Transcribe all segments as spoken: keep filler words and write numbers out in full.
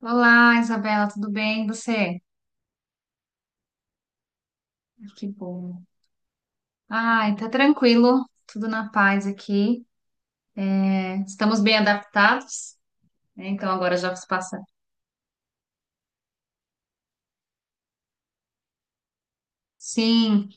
Olá, Isabela, tudo bem? E você? Que bom. Ai, tá tranquilo, tudo na paz aqui. É, estamos bem adaptados, né? Então agora já se passa. Sim,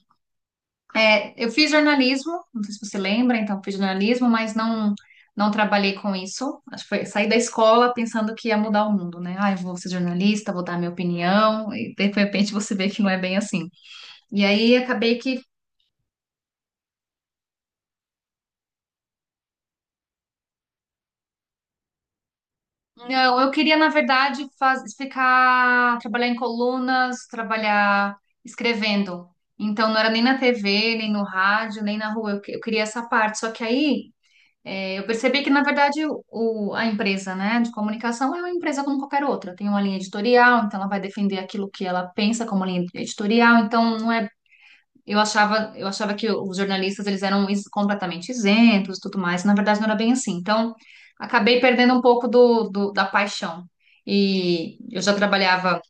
é, eu fiz jornalismo, não sei se você lembra, então fiz jornalismo, mas não não trabalhei com isso. Acho que foi saí da escola pensando que ia mudar o mundo, né? Ah, eu vou ser jornalista, vou dar minha opinião, e de repente você vê que não é bem assim. E aí acabei que. Não, eu queria, na verdade, faz, ficar, trabalhar em colunas, trabalhar escrevendo. Então, não era nem na T V, nem no rádio, nem na rua. Eu, que- eu queria essa parte. Só que aí, é, eu percebi que, na verdade, o, a empresa, né, de comunicação é uma empresa como qualquer outra. Tem uma linha editorial, então ela vai defender aquilo que ela pensa como linha editorial. Então, não é. Eu achava, eu achava que os jornalistas eles eram is- completamente isentos e tudo mais. Na verdade, não era bem assim. Então, acabei perdendo um pouco do, do- da paixão. E eu já trabalhava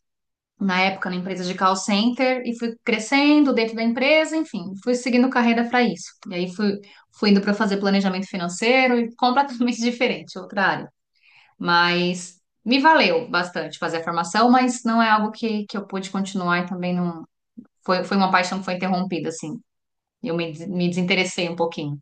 na época na empresa de call center e fui crescendo dentro da empresa, enfim, fui seguindo carreira para isso. E aí fui, fui indo para fazer planejamento financeiro e completamente diferente, outra área. Mas me valeu bastante fazer a formação, mas não é algo que, que eu pude continuar e também não foi, foi uma paixão que foi interrompida, assim. Eu me, des- me desinteressei um pouquinho.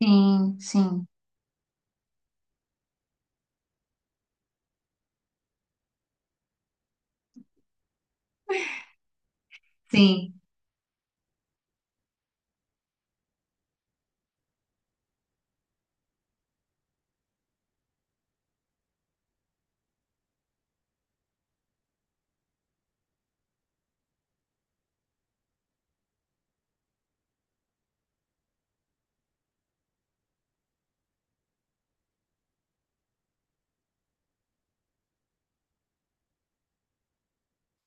Sim, sim, sim,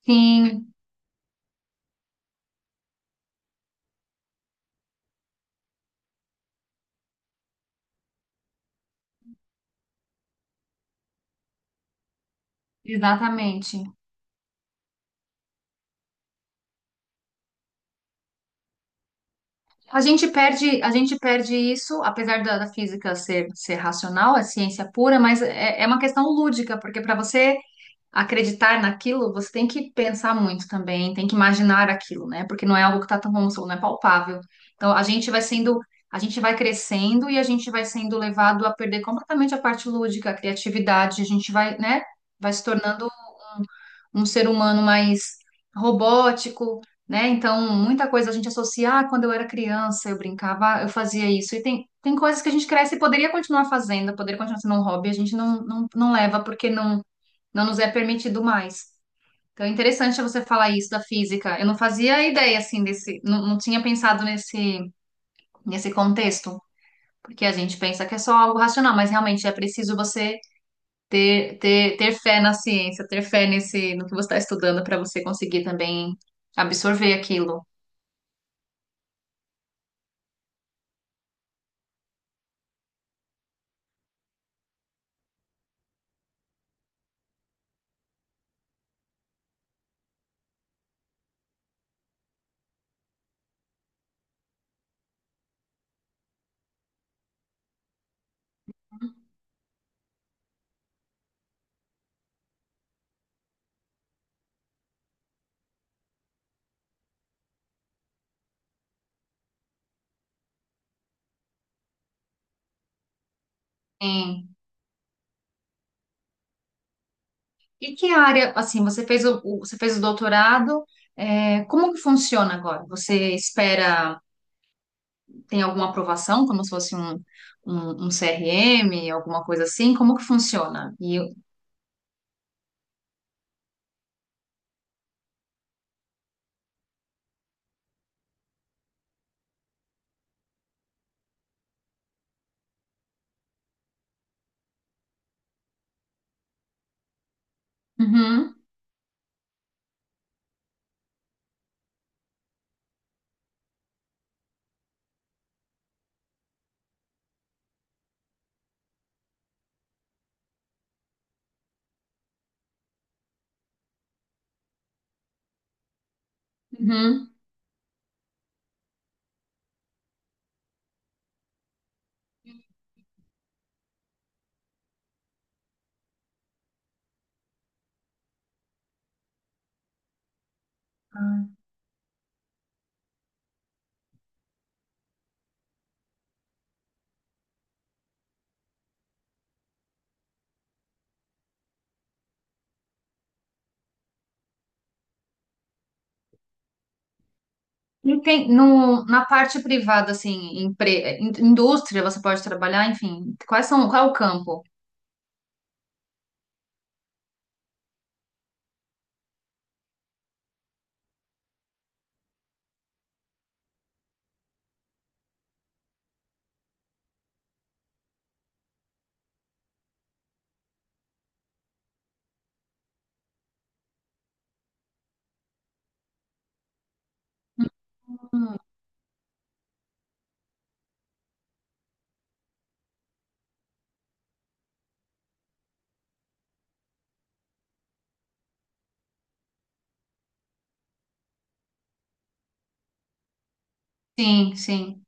sim, exatamente. A gente perde, a gente perde isso, apesar da, da física ser, ser racional, é ciência pura, mas é, é uma questão lúdica, porque para você acreditar naquilo, você tem que pensar muito também, tem que imaginar aquilo, né? Porque não é algo que está tão, como você falou, não é palpável. Então a gente vai sendo, a gente vai crescendo e a gente vai sendo levado a perder completamente a parte lúdica, a criatividade, a gente vai, né? Vai se tornando um ser humano mais robótico, né? Então, muita coisa a gente associa, ah, quando eu era criança, eu brincava, ah, eu fazia isso. E tem, tem coisas que a gente cresce e poderia continuar fazendo, poderia continuar sendo um hobby, a gente não, não, não leva porque não, não nos é permitido mais. Então, é interessante você falar isso da física. Eu não fazia ideia, assim, desse, não, não tinha pensado nesse, nesse contexto, porque a gente pensa que é só algo racional, mas realmente é preciso você ter, ter, ter fé na ciência, ter fé nesse, no que você está estudando para você conseguir também absorver aquilo. Sim. E que área, assim, você fez o, o- você fez o doutorado, é, como que funciona agora? Você espera, tem alguma aprovação, como se fosse um, um, um C R M, alguma coisa assim? Como que funciona? E, uhum, uhum. E tem, no, na parte privada, assim, empre, in- indústria, você pode trabalhar, enfim, quais são, qual é o campo? Sim, sim,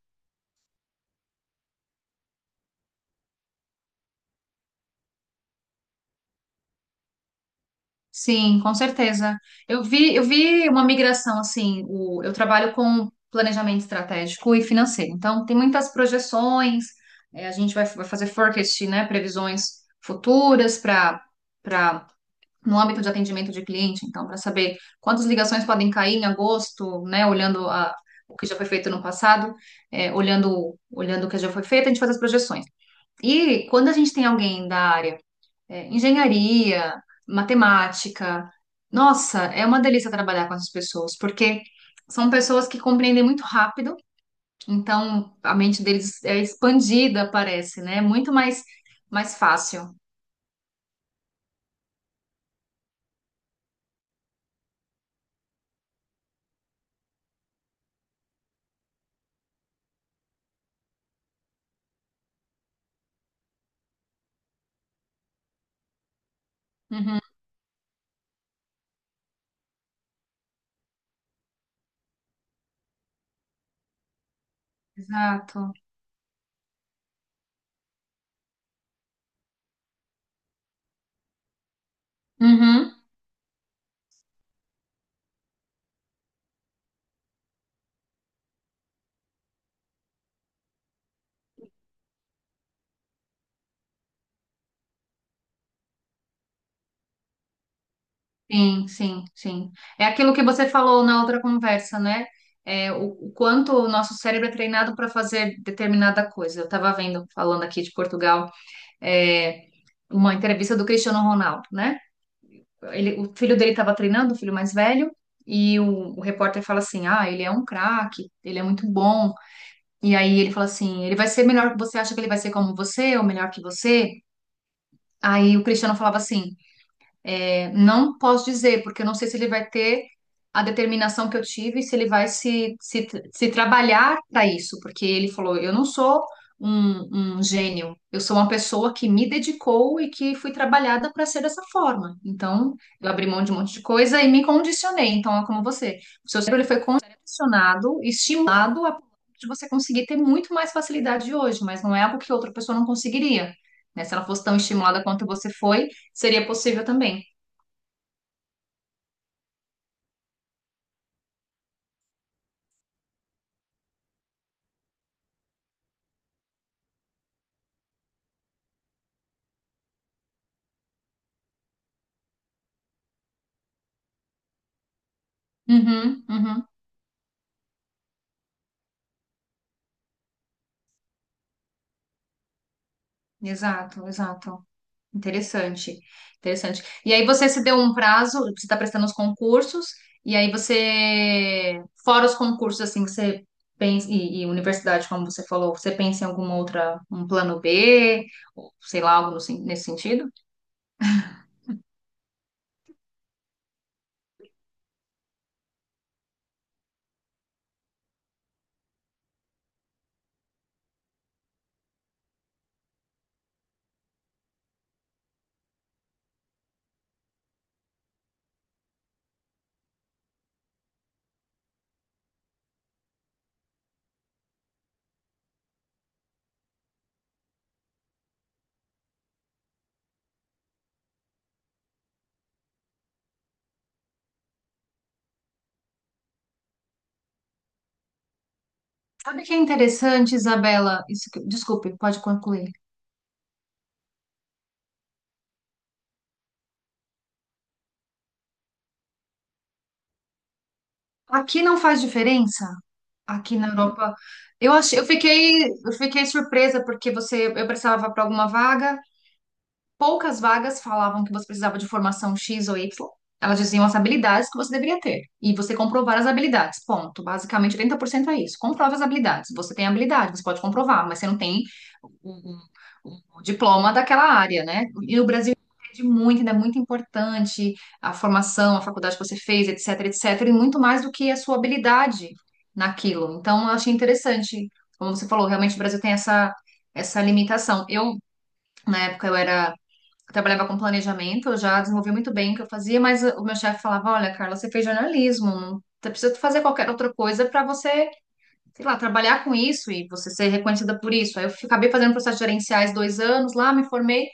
sim, com certeza. Eu vi, eu vi uma migração assim, o, eu trabalho com planejamento estratégico e financeiro, então tem muitas projeções, eh, a gente vai, vai fazer forecast, né, previsões futuras para para no âmbito de atendimento de cliente, então para saber quantas ligações podem cair em agosto, né, olhando a, o que já foi feito no passado, eh, olhando olhando o que já foi feito, a gente faz as projeções. E quando a gente tem alguém da área é, engenharia, matemática. Nossa, é uma delícia trabalhar com essas pessoas, porque são pessoas que compreendem muito rápido, então a mente deles é expandida, parece, né? É muito mais, mais fácil. Uhum, exato. Uhum, sim, sim, sim. É aquilo que você falou na outra conversa, né? É, o, o quanto o nosso cérebro é treinado para fazer determinada coisa. Eu estava vendo, falando aqui de Portugal, é, uma entrevista do Cristiano Ronaldo, né? Ele- o filho dele estava treinando, o filho mais velho, e o, o repórter fala assim: Ah, ele é um craque, ele é muito bom. E aí ele fala assim: Ele vai ser melhor que você, acha que ele vai ser como você ou melhor que você? Aí o Cristiano falava assim: é, não posso dizer, porque eu não sei se ele vai ter a determinação que eu tive, se ele vai se, se, se trabalhar para isso, porque ele falou: eu não sou um, um gênio, eu sou uma pessoa que me dedicou e que fui trabalhada para ser dessa forma. Então, eu abri mão de um monte de coisa e me condicionei. Então, é como você: o seu cérebro ele foi condicionado, estimulado a ponto de você conseguir ter muito mais facilidade hoje, mas não é algo que outra pessoa não conseguiria, né? Se ela fosse tão estimulada quanto você foi, seria possível também. Uhum, uhum. Exato, exato. Interessante, interessante. E aí você se deu um prazo, você está prestando os concursos, e aí você, fora os concursos, assim, você pensa, e, e universidade, como você falou, você pensa em alguma outra, um plano B, ou sei lá, algo no sen- nesse sentido? Sabe o que é interessante, Isabela? Isso que- desculpe, pode concluir. Aqui não faz diferença, aqui na Europa. Eu achei, eu fiquei, eu fiquei surpresa porque você, eu precisava para alguma vaga. Poucas vagas falavam que você precisava de formação X ou Y. Elas diziam as habilidades que você deveria ter. E você comprovar as habilidades. Ponto. Basicamente, oitenta por cento é isso. Comprove as habilidades. Você tem habilidade, você pode comprovar, mas você não tem o, o- o diploma daquela área, né? E o Brasil pede muito, ainda é muito importante a formação, a faculdade que você fez, etc, etc, e muito mais do que a sua habilidade naquilo. Então, eu achei interessante. Como você falou, realmente o Brasil tem essa, essa limitação. Eu, na época, eu era eu trabalhava com planejamento, eu já desenvolvi muito bem o que eu fazia, mas o meu chefe falava: Olha, Carla, você fez jornalismo, não você precisa fazer qualquer outra coisa para você, sei lá, trabalhar com isso e você ser reconhecida por isso. Aí eu fi- acabei fazendo processos gerenciais dois anos lá, me formei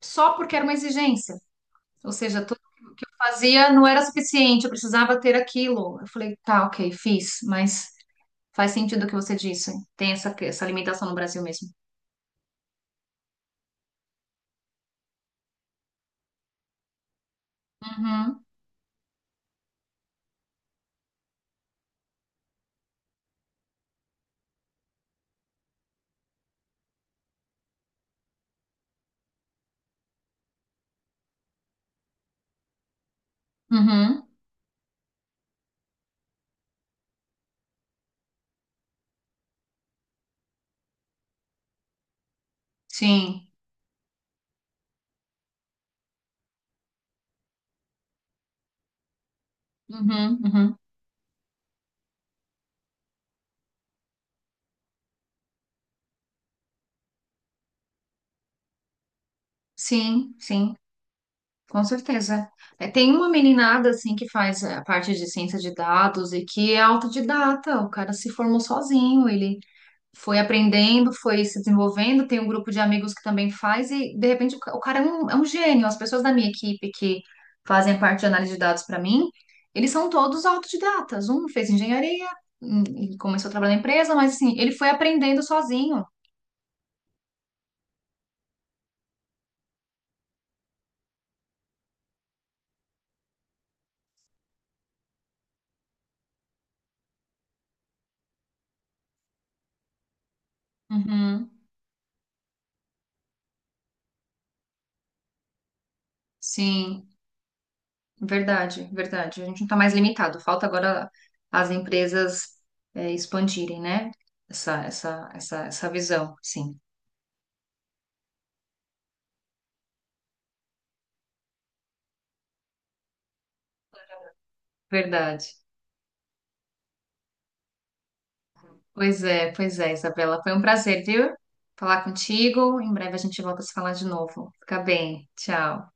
só porque era uma exigência. Ou seja, tudo que eu fazia não era suficiente, eu precisava ter aquilo. Eu falei, tá, ok, fiz, mas faz sentido o que você disse. Tem essa, essa limitação no Brasil mesmo. Uhum, uhum, sim, uhum, uhum, sim, sim. Com certeza. É, tem uma meninada assim que faz a parte de ciência de dados e que é autodidata. O cara se formou sozinho, ele foi aprendendo, foi se desenvolvendo. Tem um grupo de amigos que também faz e de repente o ca- o cara é um, é um gênio. As pessoas da minha equipe que fazem parte de análise de dados para mim, eles são todos autodidatas. Um fez engenharia, um- e começou a trabalhar na empresa, mas assim, ele foi aprendendo sozinho. Uhum. Sim. Verdade, verdade. A gente não está mais limitado. Falta agora as empresas é, expandirem, né? Essa, essa, essa, essa visão, sim. Verdade. Pois é, pois é, Isabela. Foi um prazer, viu? Falar contigo. Em breve a gente volta a se falar de novo. Fica bem. Tchau.